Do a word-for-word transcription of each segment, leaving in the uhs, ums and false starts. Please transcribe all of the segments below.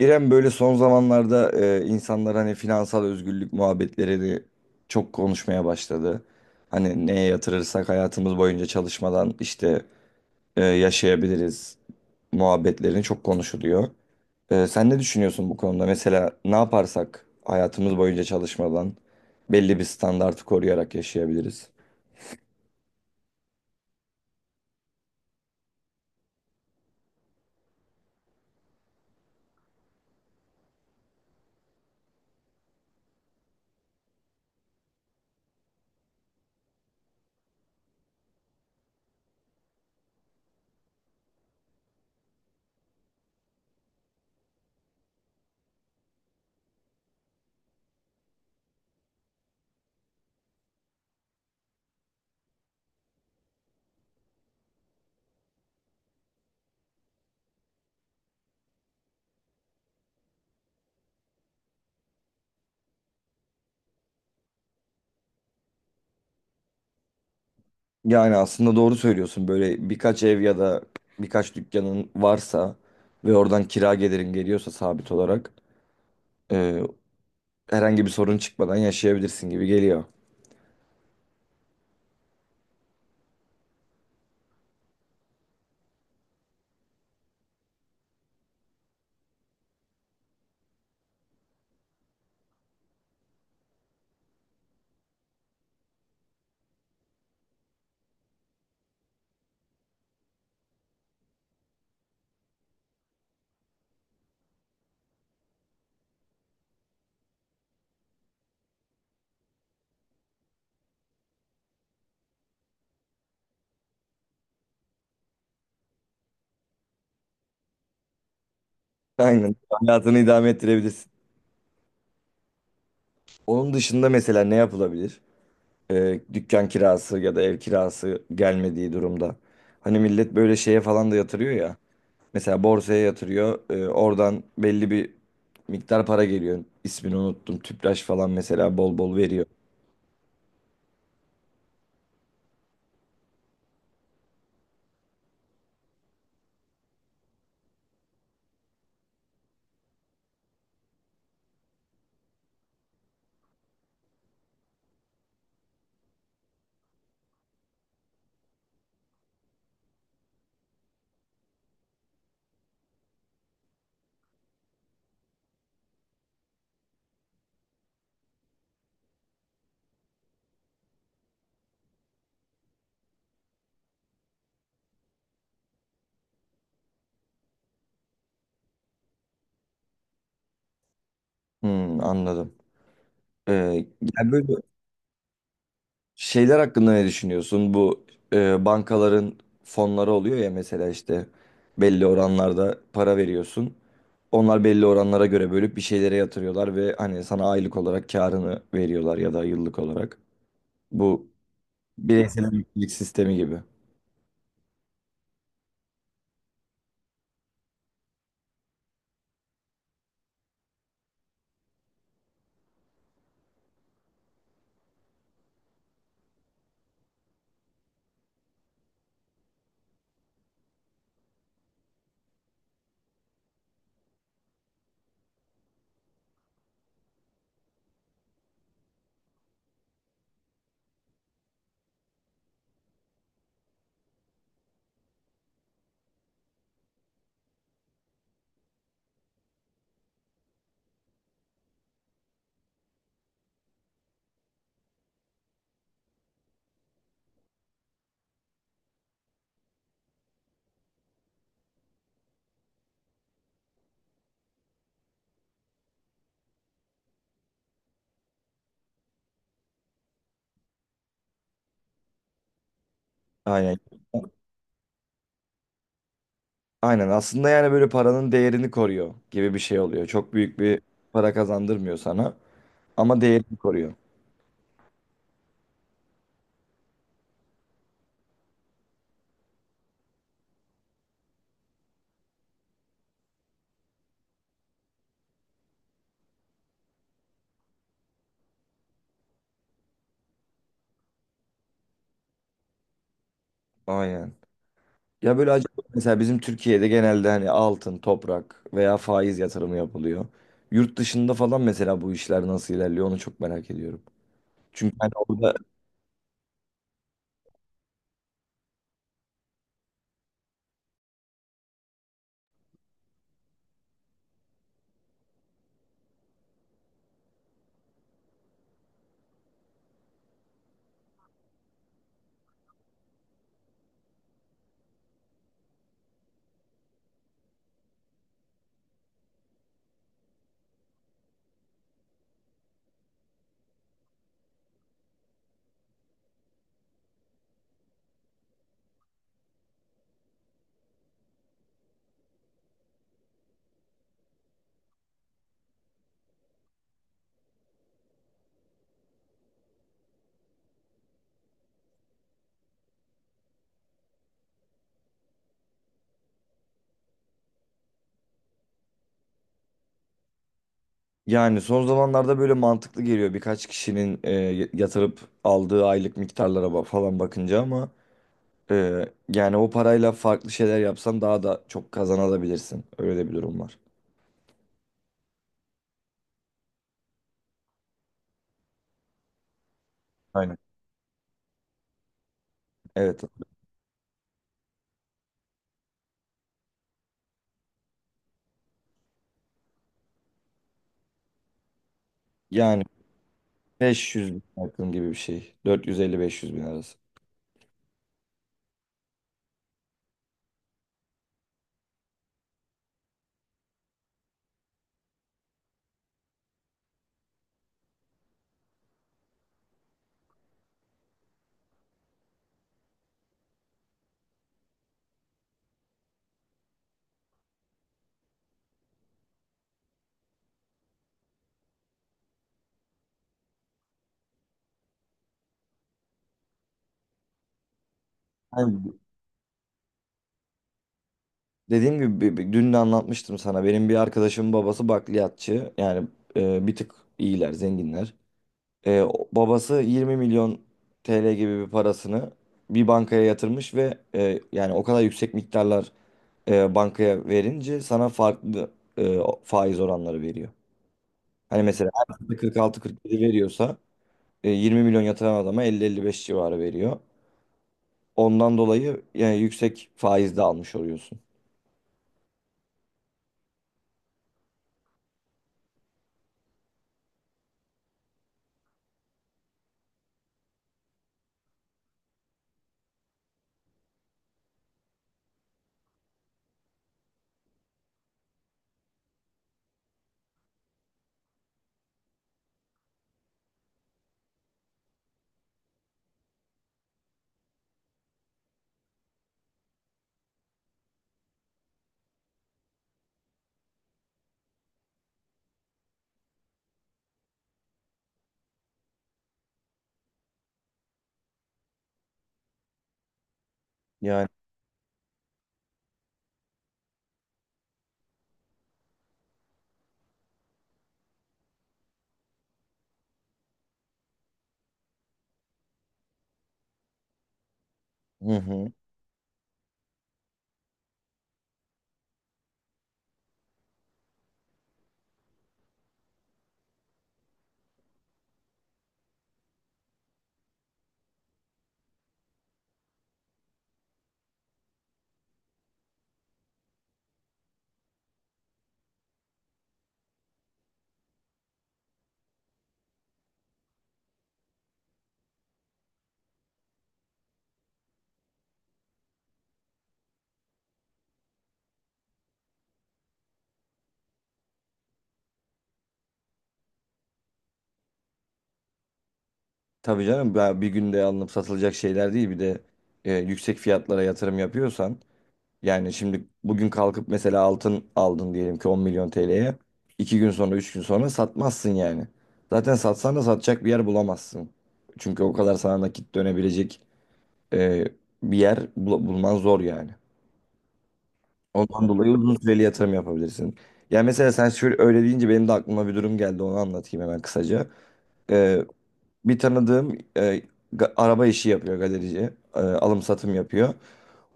İrem, böyle son zamanlarda e, insanlar hani finansal özgürlük muhabbetlerini çok konuşmaya başladı. Hani neye yatırırsak hayatımız boyunca çalışmadan işte e, yaşayabiliriz muhabbetlerini çok konuşuluyor. E, sen ne düşünüyorsun bu konuda? Mesela ne yaparsak hayatımız boyunca çalışmadan belli bir standartı koruyarak yaşayabiliriz. Yani aslında doğru söylüyorsun. Böyle birkaç ev ya da birkaç dükkanın varsa ve oradan kira gelirin geliyorsa sabit olarak, e, herhangi bir sorun çıkmadan yaşayabilirsin gibi geliyor. Aynen. Hayatını idame ettirebilirsin. Onun dışında mesela ne yapılabilir? Ee, dükkan kirası ya da ev kirası gelmediği durumda. Hani millet böyle şeye falan da yatırıyor ya. Mesela borsaya yatırıyor. Ee, oradan belli bir miktar para geliyor. İsmini unuttum. Tüpraş falan mesela bol bol veriyor. Hmm, anladım. Ee, yani böyle şeyler hakkında ne düşünüyorsun? Bu e, bankaların fonları oluyor ya mesela, işte belli oranlarda para veriyorsun. Onlar belli oranlara göre bölüp bir şeylere yatırıyorlar ve hani sana aylık olarak karını veriyorlar ya da yıllık olarak. Bu bireysel emeklilik sistemi gibi. Aynen. Aynen, aslında yani böyle paranın değerini koruyor gibi bir şey oluyor. Çok büyük bir para kazandırmıyor sana ama değerini koruyor. Aynen. Ya böyle acaba mesela bizim Türkiye'de genelde hani altın, toprak veya faiz yatırımı yapılıyor. Yurt dışında falan mesela bu işler nasıl ilerliyor onu çok merak ediyorum. Çünkü hani orada yani son zamanlarda böyle mantıklı geliyor birkaç kişinin e, yatırıp aldığı aylık miktarlara ba- falan bakınca, ama e, yani o parayla farklı şeyler yapsan daha da çok kazanabilirsin. Öyle de bir durum var. Aynen. Evet. Yani beş yüz bin yakın gibi bir şey. dört yüz elli beş yüz bin arası. Dediğim gibi, bi- bi- dün de anlatmıştım sana. Benim bir arkadaşımın babası bakliyatçı. Yani e, bir tık iyiler, zenginler. E, o- babası yirmi milyon T L gibi bir parasını bir bankaya yatırmış ve e, yani o kadar yüksek miktarlar e, bankaya verince sana farklı e, o- faiz oranları veriyor. Hani mesela her kırk altı kırk yedi veriyorsa e, yirmi milyon yatıran adama elli elli beş civarı veriyor. Ondan dolayı yani yüksek faiz de almış oluyorsun. Yani, hı hı. Tabii canım, ba- bir günde alınıp satılacak şeyler değil. Bir de e, yüksek fiyatlara yatırım yapıyorsan, yani şimdi bugün kalkıp mesela altın aldın diyelim ki on milyon T L'ye. İki gün sonra, üç gün sonra satmazsın yani. Zaten satsan da satacak bir yer bulamazsın. Çünkü o kadar sana nakit dönebilecek e, bir yer bul- bulman zor yani. Ondan dolayı uzun süreli yatırım yapabilirsin. Ya mesela sen şöyle öyle deyince benim de aklıma bir durum geldi, onu anlatayım hemen kısaca. E, Bir tanıdığım e, ga- araba işi yapıyor, galerici. E, alım satım yapıyor.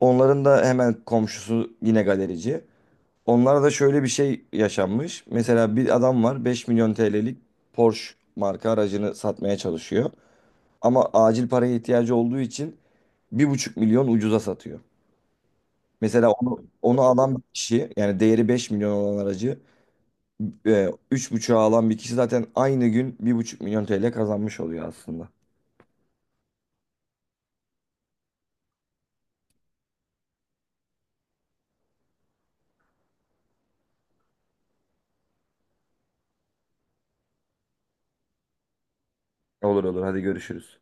Onların da hemen komşusu yine galerici. Onlarda da şöyle bir şey yaşanmış. Mesela bir adam var, beş milyon T L'lik Porsche marka aracını satmaya çalışıyor. Ama acil paraya ihtiyacı olduğu için bir buçuk milyon ucuza satıyor. Mesela onu, onu alan bir kişi, yani değeri beş milyon olan aracı e, üç buçuğa alan bir kişi zaten aynı gün bir buçuk milyon T L kazanmış oluyor aslında. Olur olur, hadi görüşürüz.